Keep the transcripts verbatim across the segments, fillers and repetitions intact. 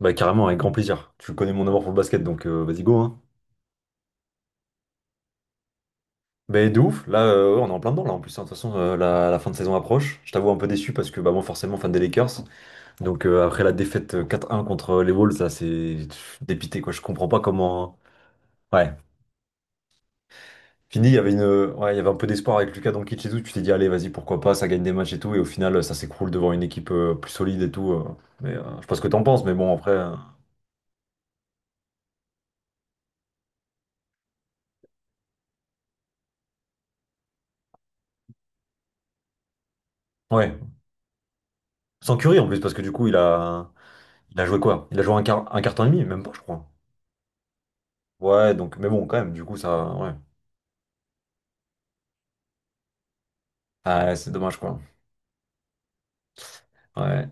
Bah carrément, avec grand plaisir. Tu connais mon amour pour le basket, donc euh, vas-y go, hein. Mais de ouf, là euh, ouais, on est en plein dedans là en plus, hein. De toute façon euh, la, la fin de saison approche. Je t'avoue un peu déçu parce que bah moi forcément fan des Lakers. Donc euh, après la défaite euh, quatre un contre euh, les Wolves, là c'est pff, dépité quoi, je comprends pas comment. Hein. Ouais. Fini, il y avait une. euh, Ouais, il y avait un peu d'espoir avec Lucas Doncic et tout, tu t'es dit allez vas-y pourquoi pas, ça gagne des matchs et tout, et au final ça s'écroule devant une équipe euh, plus solide et tout. euh. Mais euh, je sais pas ce que t'en penses, mais bon après. euh, Ouais. Sans Curry en plus, parce que du coup il a. Il a joué quoi? Il a joué un quart, un quart temps et demi, même pas, je crois. Ouais, donc, mais bon, quand même, du coup, ça, ouais. Ah, ouais, c'est dommage, quoi. Ouais.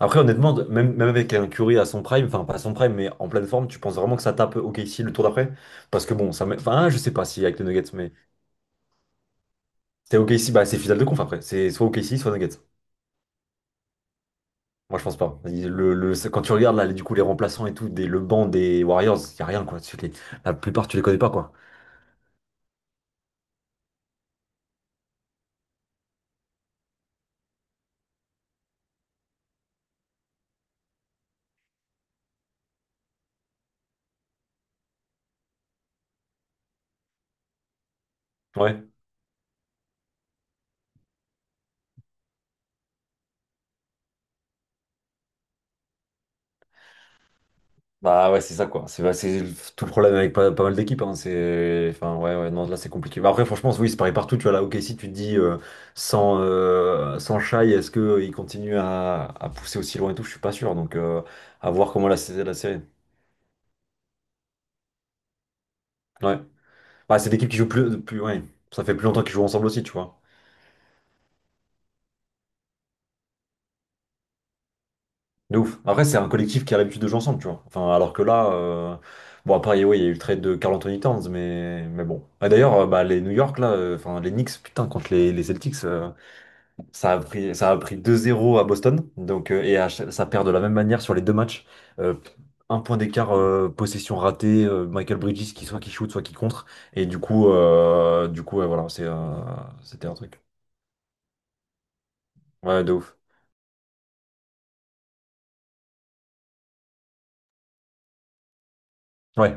Après, honnêtement, de- même, même avec un Curry à son prime, enfin, pas à son prime, mais en pleine forme, tu penses vraiment que ça tape O K C le tour d'après? Parce que bon, ça met, enfin, je sais pas si avec les Nuggets, mais c'est O K C, bah, c'est finale de conf après. C'est soit O K C, soit Nuggets. Moi, je pense pas. Il- Le, le- c'est- quand tu regardes, là, les- du coup, les remplaçants et tout, des, le banc des Warriors, y a rien, quoi. Tu les- la plupart, tu les connais pas, quoi. Ouais. Bah ouais, c'est ça quoi. C'est c'est tout le problème avec pas, pas mal d'équipes. Hein. C'est, enfin ouais, ouais, non, là c'est compliqué. Bah après, franchement, oui, c'est pareil partout. Tu vois là, ok, si tu te dis euh, sans euh, sans Shai, est-ce que euh, il continue à, à pousser aussi loin et tout? Je suis pas sûr. Donc euh, à voir comment la, sé- la série. Ouais. Bah, c'est des équipes qui jouent plus, plus, ouais. Ça fait plus longtemps qu'ils jouent ensemble aussi, tu vois. De ouf. Après, c'est un collectif qui a l'habitude de jouer ensemble, tu vois. Enfin, alors que là, euh, bon après, ouais, il y a eu le trade de Carl Anthony Towns, mais mais bon. Et d'ailleurs, euh, bah les New York là, euh, enfin les Knicks, putain, contre les les Celtics. euh, Ça a pris, ça a pris deux zéro à Boston, donc, euh, et à ch- ça perd de la même manière sur les deux matchs. Euh, un point d'écart, euh, possession ratée, euh, Michael Bridges qui soit qui shoot, soit qui contre. Et du coup, euh, du coup ouais, voilà, c'est, euh, c'était un truc. Ouais, de ouf. Ouais,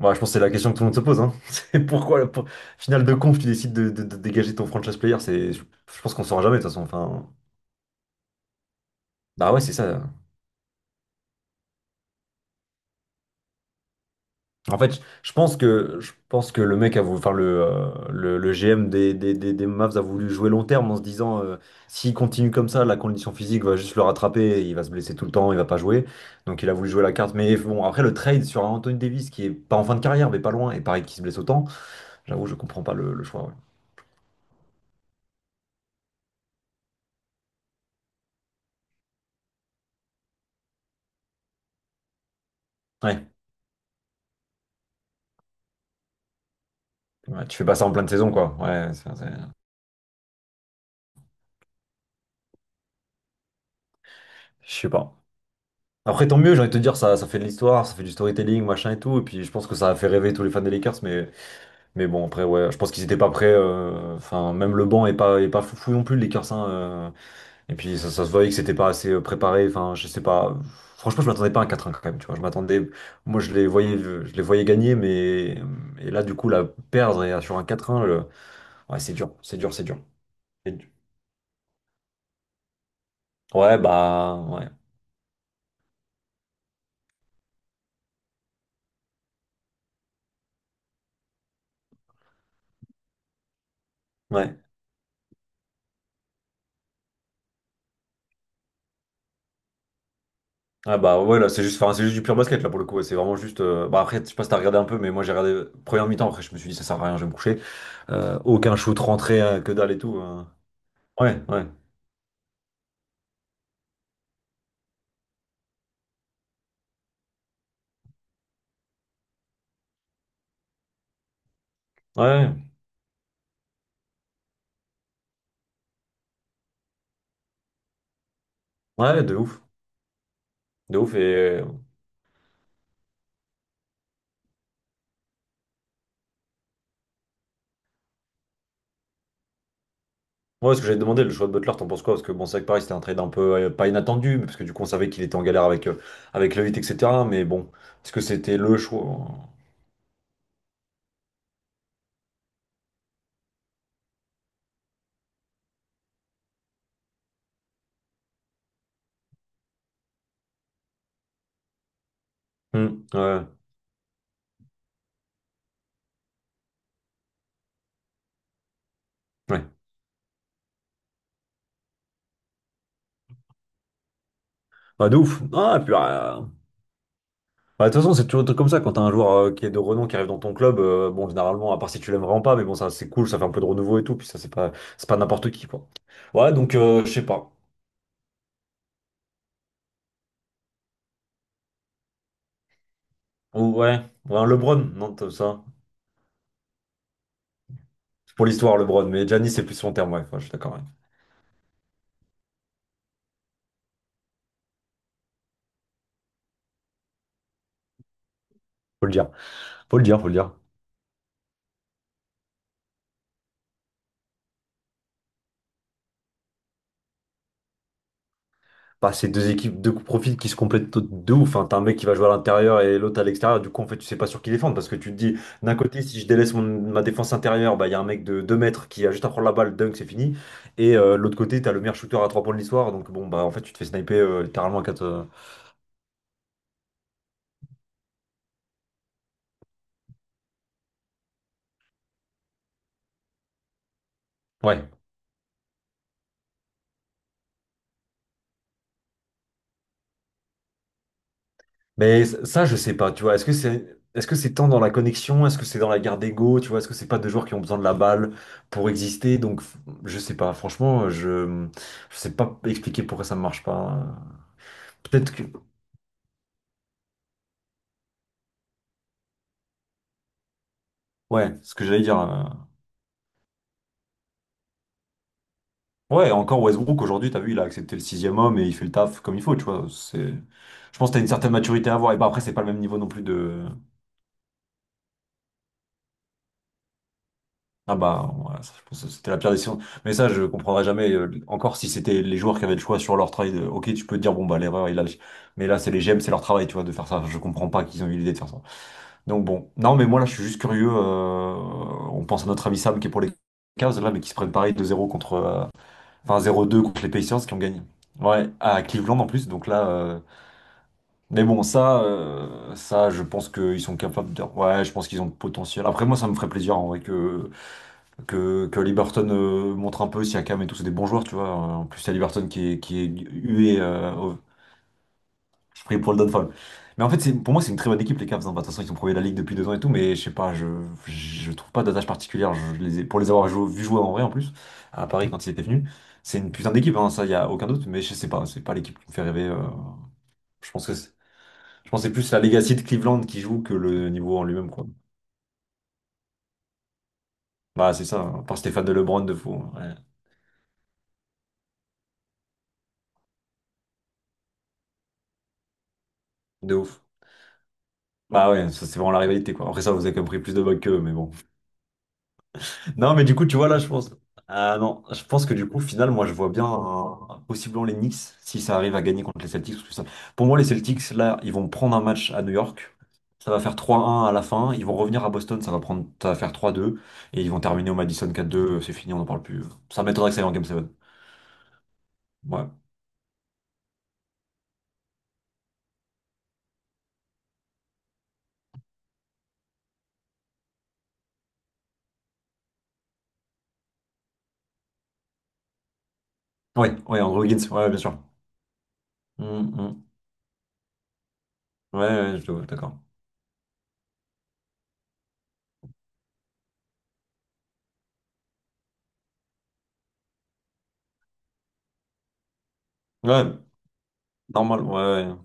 ouais, je pense que c'est la question que tout le monde se pose. Hein. C'est pourquoi, la pour- finale de conf, tu décides de, de- de dégager ton franchise player. C'est, je je pense qu'on saura jamais de toute façon. Enfin, bah ouais, c'est ça. En fait, je pense que, je pense que le mec a voulu, enfin le, euh, le, le G M des, des, des, des Mavs a voulu jouer long terme en se disant euh, s'il continue comme ça, la condition physique va juste le rattraper, il va se blesser tout le temps, il va pas jouer. Donc il a voulu jouer la carte. Mais bon, après le trade sur un Anthony Davis qui est pas en fin de carrière, mais pas loin, et pareil qui se blesse autant, j'avoue, je comprends pas le, le choix. Ouais. Ouais, ouais, tu fais pas ça en pleine saison, quoi. Ouais, c'est- c'est- je sais pas. Après, tant mieux, j'ai envie de te dire, ça, ça fait de l'histoire, ça fait du storytelling, machin et tout. Et puis je pense que ça a fait rêver tous les fans des Lakers, mais. Mais bon, après, ouais, je pense qu'ils étaient pas prêts. euh, Enfin, même le banc est pas, est pas fou non plus, les Lakers. Hein, euh. et puis, ça, ça se voyait que c'était pas assez euh, préparé. Enfin, je sais pas. Franchement, je m'attendais pas à un quatre un quand même. Tu vois, je m'attendais. Moi, je les voyais, je les voyais gagner, mais et là, du coup, la perdre et sur un quatre un le- ouais, c'est dur, c'est dur, c'est dur. C'est dur. Ouais, bah, ouais, ouais. Ah bah ouais là c'est juste enfin, c'est juste du pur basket là pour le coup ouais, c'est vraiment juste euh, bah après je sais pas si t'as regardé un peu mais moi j'ai regardé première mi-temps après je me suis dit ça sert à rien je vais me coucher. Euh, aucun shoot rentré euh, que dalle et tout, hein. Ouais, ouais, ouais, ouais, ouais, de ouf, de ouf. Et euh, moi, ce que j'avais demandé, le choix de Butler, t'en penses quoi? Parce que bon, c'est vrai que pareil, c'était un trade un peu euh, pas inattendu, mais parce que du coup, on savait qu'il était en galère avec, euh, avec le Heat, et cetera. Mais bon, est-ce que c'était le choix? Hmm, ouais, ouais, bah, de ouf. Ah, et puis, euh, bah, de toute façon, c'est toujours des trucs comme ça quand t'as un joueur euh, qui est de renom qui arrive dans ton club. Euh, bon, généralement, à part si tu l'aimes vraiment pas, mais bon, ça c'est cool, ça fait un peu de renouveau et tout. Puis ça, c'est pas, c'est pas n'importe qui, quoi. Ouais, donc, euh, je sais pas. Ou- Ouais, ouais, un LeBron, non, t'as ça. Pour l'histoire, LeBron, mais Giannis, c'est plus son terme, ouais, ouais, je suis d'accord, ouais. Faut le dire, faut le dire, faut le dire. Bah, c'est deux équipes, deux profils qui se complètent tout- de ouf. Enfin, t'as un mec qui va jouer à l'intérieur et l'autre à l'extérieur. Du coup, en fait, tu sais pas sur qui défendre parce que tu te dis, d'un côté, si je délaisse mon- ma défense intérieure, bah, il y a un mec de deux mètres qui a juste à prendre la balle, dunk, c'est fini. Et euh, de l'autre côté, t'as le meilleur shooter à trois points de l'histoire. Donc, bon, bah, en fait, tu te fais sniper euh, littéralement à quatre. Ouais. Mais ça, je sais pas, tu vois. Est-ce que c'est est-ce que c'est tant dans la connexion? Est-ce que c'est dans la garde d'ego? Tu vois, est-ce que c'est pas deux joueurs qui ont besoin de la balle pour exister? Donc, f- je sais pas. Franchement, je je sais pas expliquer pourquoi ça ne marche pas. Peut-être que ouais, ce que j'allais dire. euh, Ouais, encore Westbrook aujourd'hui, t'as vu, il a accepté le sixième homme et il fait le taf comme il faut, tu vois. C'est je pense que t'as une certaine maturité à avoir. Et bah après, c'est pas le même niveau non plus de. Ah bah, ouais, ça, je pense que c'était la pire décision. Mais ça, je comprendrais jamais. Euh, encore si c'était les joueurs qui avaient le choix sur leur trade, euh, ok, tu peux te dire, bon, bah, l'erreur, il a. Mais là, c'est les G M, c'est leur travail, tu vois, de faire ça. Je comprends pas qu'ils ont eu l'idée de faire ça. Donc bon. Non, mais moi, là, je suis juste curieux. Euh, on pense à notre ami Sam qui est pour les Cavs, là, mais qui se prennent pareil deux zéro contre. euh, Enfin, zéro deux contre les Pacers qui ont gagné. Ouais, à Cleveland en plus. Donc là. euh, Mais bon, ça, euh, ça, je pense qu'ils sont capables de. Ouais, je pense qu'ils ont le potentiel. Après, moi, ça me ferait plaisir en vrai que que, que Liberton euh, montre un peu, Siakam et tout, c'est des bons joueurs, tu vois. Euh, En plus, il y a Liberton qui est, qui est hué, euh, au- je prie pour le Dunfall. Mais en fait, c'est, pour moi, c'est une très bonne équipe, les Cavs. Hein. Bah, de toute façon, ils sont premiers de la ligue depuis deux ans et tout, mais je sais pas, je, je trouve pas d'attache particulière. Je les ai- pour les avoir jou- vu jouer en vrai, en plus, à Paris quand ils étaient venus, c'est une putain d'équipe, hein, ça, il y a aucun doute, mais je sais pas, c'est pas l'équipe qui me fait rêver. euh. je pense que c'est, je pense que c'est plus la legacy de Cleveland qui joue que le niveau en lui-même, quoi. Bah, c'est ça, hein. À part Stéphane de LeBron de fou, hein. Ouais, de ouf. Bah ouais, ça, c'est vraiment la rivalité, quoi. Après ça, vous avez quand même pris plus de bugs qu'eux, mais bon. Non, mais du coup, tu vois, là, je pense... Ah non, je pense que du coup, au final, moi, je vois bien un- un- possiblement les Knicks, si ça arrive à gagner contre les Celtics, parce que ça- pour moi, les Celtics, là, ils vont prendre un match à New York. Ça va faire trois un à la fin. Ils vont revenir à Boston, ça va prendre... ça va faire trois deux. Et ils vont terminer au Madison quatre deux. euh, C'est fini, on n'en parle plus. Ça m'étonnerait que ça aille en Game sept. Ouais. Ouais, ouais, Andrew Wiggins, ouais, ouais, bien sûr. Hum, hum. Ouais, ouais, je te vois, d'accord. Ouais, normal, ouais, ouais.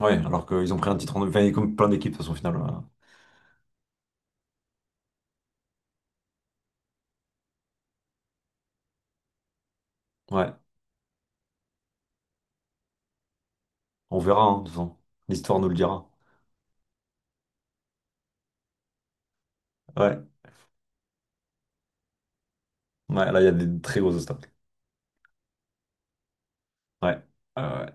Ouais, alors qu'ils ont pris un titre en... Enfin, comme plein d'équipes, de toute façon, au final. euh, Ouais, on verra, hein, de toute façon. L'histoire nous le dira. Ouais, ouais, là, il y a des très gros obstacles. Ouais. Euh,